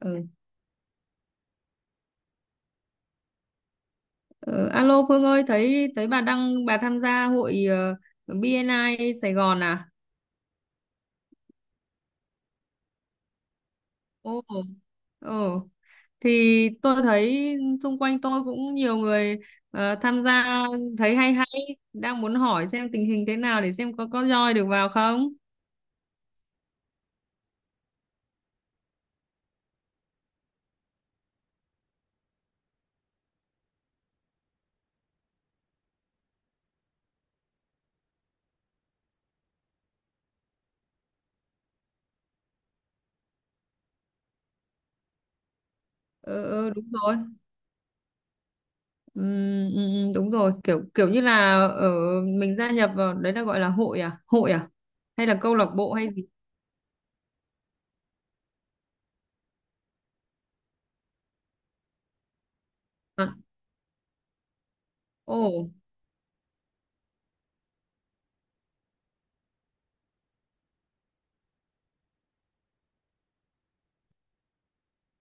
Ừ. Ờ, Alo Phương ơi, thấy thấy bà đăng bà tham gia hội BNI Sài Gòn à? Ồ. Ồ. Thì tôi thấy xung quanh tôi cũng nhiều người tham gia, thấy hay hay, đang muốn hỏi xem tình hình thế nào để xem có join được vào không? Ờ ờ, đúng rồi. Ừm, Đúng rồi, kiểu kiểu như là ở mình gia nhập vào đấy là gọi là hội à? Hội à? Hay là câu lạc bộ hay gì? À. Ồ.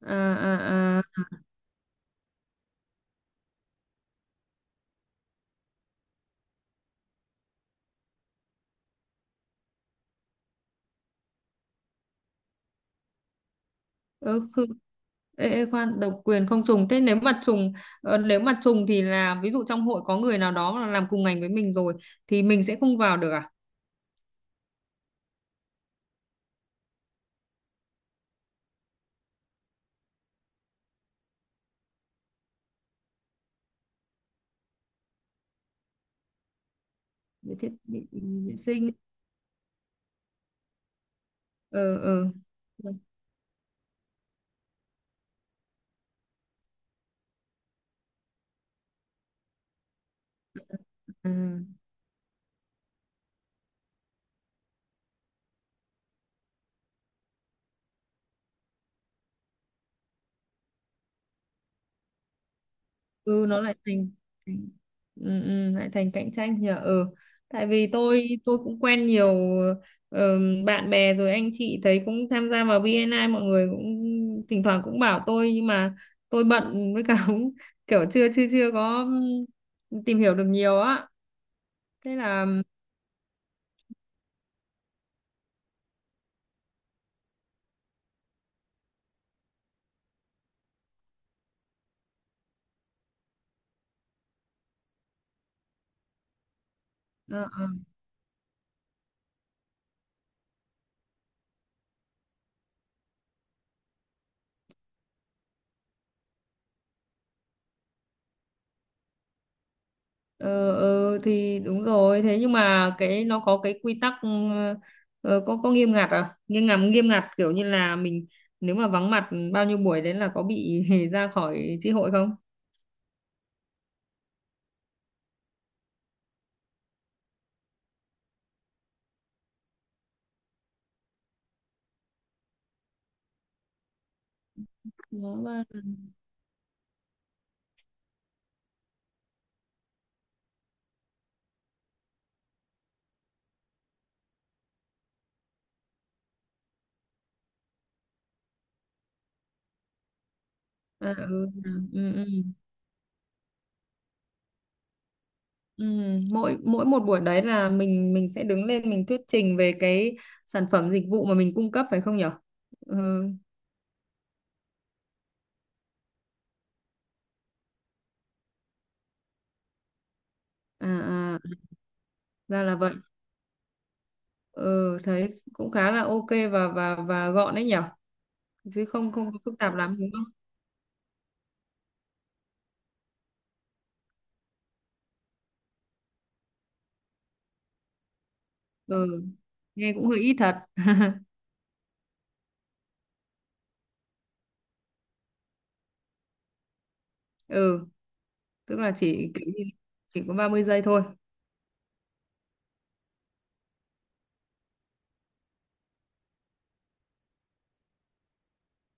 À à à. Ừ, ê, ê, khoan, độc quyền không trùng, thế nếu mà trùng, nếu mà trùng thì là ví dụ trong hội có người nào đó là làm cùng ngành với mình rồi thì mình sẽ không vào được à? Về thiết bị vệ sinh. Ờ ờ, ừ. Ừ, nó lại thành thành- ừ, ừ, lại thành cạnh tranh nhỉ. Ừ, tại vì tôi cũng quen nhiều bạn bè rồi anh chị thấy cũng tham gia vào bê en I, mọi người cũng thỉnh thoảng cũng bảo tôi, nhưng mà tôi bận với cả cũng kiểu chưa chưa chưa có tìm hiểu được nhiều á, thế là. Ờ, ờ. Ờ, ừ, thì đúng rồi, thế nhưng mà cái nó có cái quy tắc, có nghiêm ngặt à, nghiêm ngặt, nghiêm ngặt kiểu như là mình nếu mà vắng mặt bao nhiêu buổi đấy là có bị ra khỏi chi hội không? Đó, ba lần. À, ừ, à, ừ, ừ. Ừ, mỗi mỗi một buổi đấy là mình sẽ đứng lên mình thuyết trình về cái sản phẩm dịch vụ mà mình cung cấp, phải không nhở? Ừ, à, à, ra là vậy. Ừ, thấy cũng khá là ok và và gọn đấy nhở, chứ không không có phức tạp lắm, đúng không? Ừ, nghe cũng hơi ít thật. Ừ, tức là chỉ kiểu như chỉ có 30 giây thôi.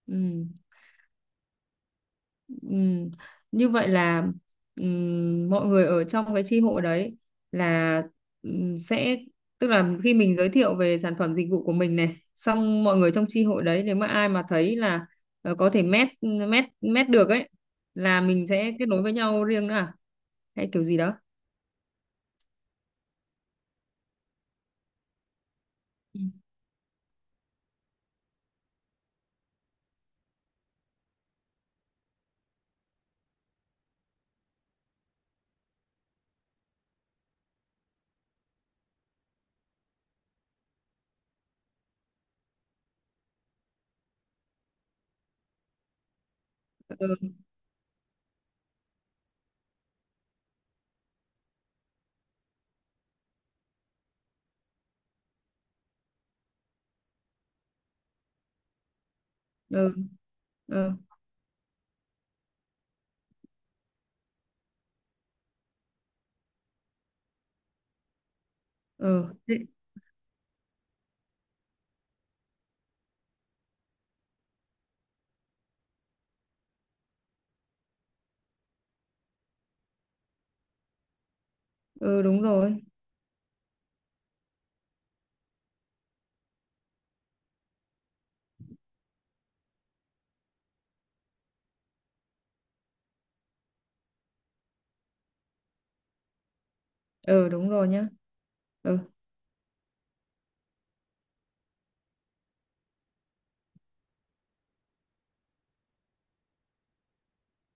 Ừ. Ừ. Như vậy là ừ, mọi người ở trong cái chi hội đấy là, ừ, sẽ tức là khi mình giới thiệu về sản phẩm dịch vụ của mình này xong, mọi người trong chi hội đấy nếu mà ai mà thấy là có thể match, match được ấy, là mình sẽ kết nối với nhau riêng nữa à, hay kiểu gì đó? Ừ ừ ừ ừ, ừ. Ừ, đúng rồi. Ừ, đúng rồi nhá. Ừ,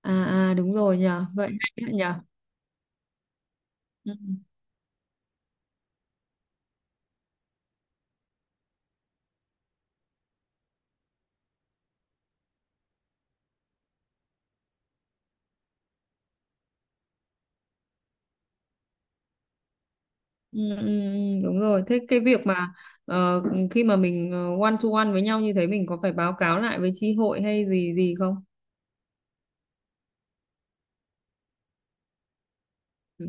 à à, đúng rồi, nhờ vậy. Hay nhờ. Ừ, ừ, ừ, ừ, đúng rồi, thế cái việc mà ờ, khi mà mình one to one với nhau như thế, mình có phải báo cáo lại với chi hội hay gì gì không? Ừ,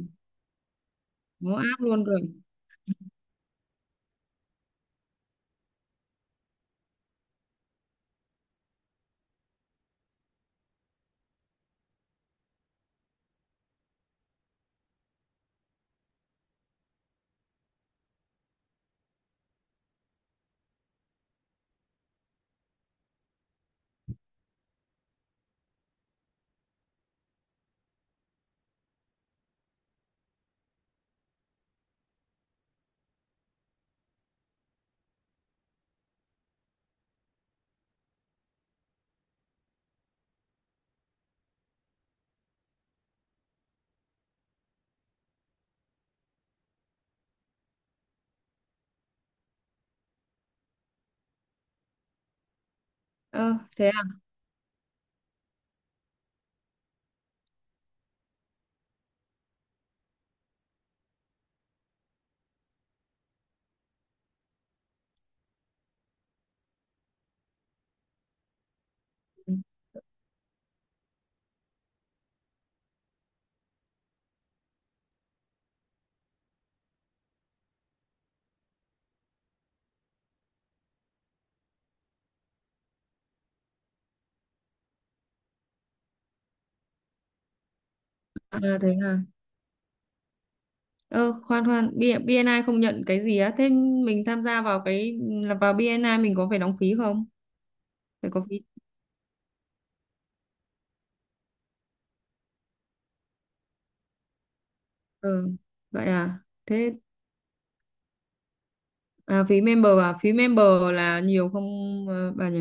nó áp luôn rồi. Ơ thế à. À thế à. Ơ khoan khoan, BNI không nhận cái gì á, thế mình tham gia vào cái là vào BNI mình có phải đóng phí không? Phải có phí. Ừ, vậy à. Thế à phí member là nhiều không bà nhỉ?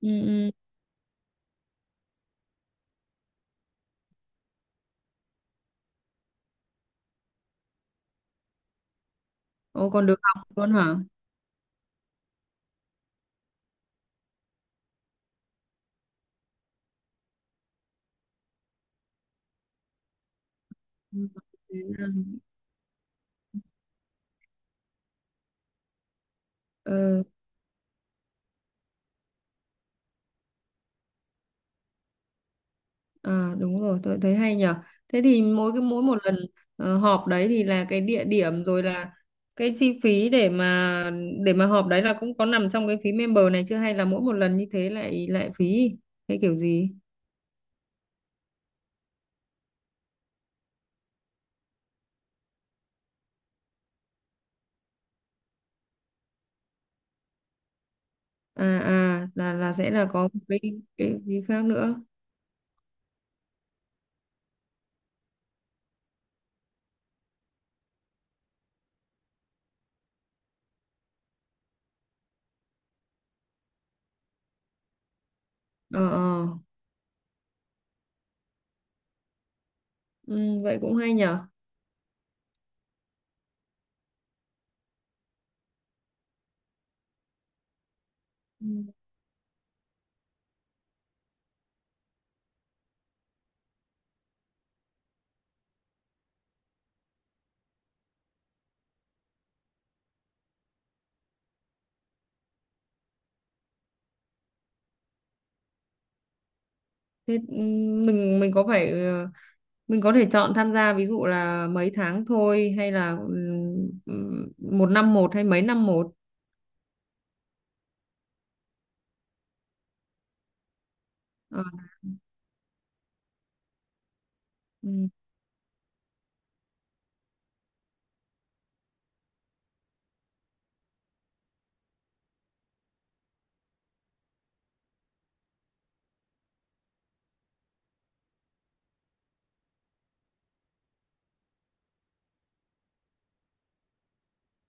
Ừ ừ. Ồ, còn được học luôn hả? Ừ. Thế là. Ừ, à, đúng rồi, tôi thấy hay nhở. Thế thì mỗi một lần họp đấy thì là cái địa điểm rồi là cái chi phí, để mà họp đấy là cũng có nằm trong cái phí member này chưa, hay là mỗi một lần như thế lại lại phí, hay kiểu gì? À à, là sẽ là có một cái phí khác nữa. Ờ ờ, ừ, vậy cũng hay nhở. Ừ. Thế mình có phải mình có thể chọn tham gia ví dụ là mấy tháng thôi hay là một năm một hay mấy năm một? Ờ, ừm,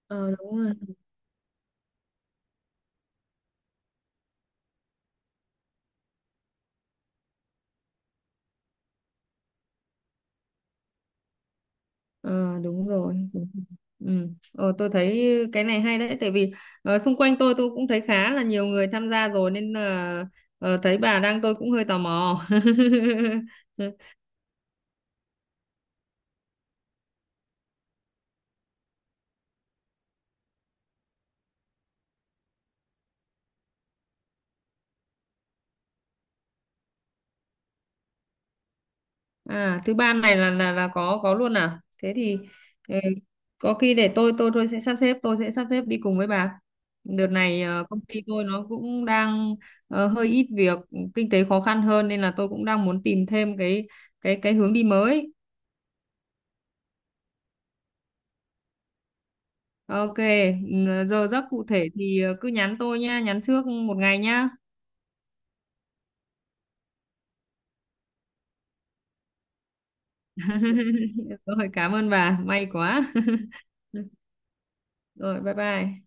ờ, Đúng rồi. Ờ, đúng rồi, đúng rồi. Tôi thấy cái này hay đấy, tại vì xung quanh tôi cũng thấy khá là nhiều người tham gia rồi, nên là thấy bà đang tôi cũng hơi tò mò. À, thứ ba này là là có luôn à? Thế thì ừ, có khi để tôi tôi sẽ sắp xếp, đi cùng với bà. Đợt này công ty tôi nó cũng đang hơi ít việc, kinh tế khó khăn hơn nên là tôi cũng đang muốn tìm thêm cái cái hướng đi mới. Ok, giờ giấc cụ thể thì cứ nhắn tôi nha, nhắn trước một ngày nha. Rồi, cảm ơn bà, may quá. Rồi, bye bye.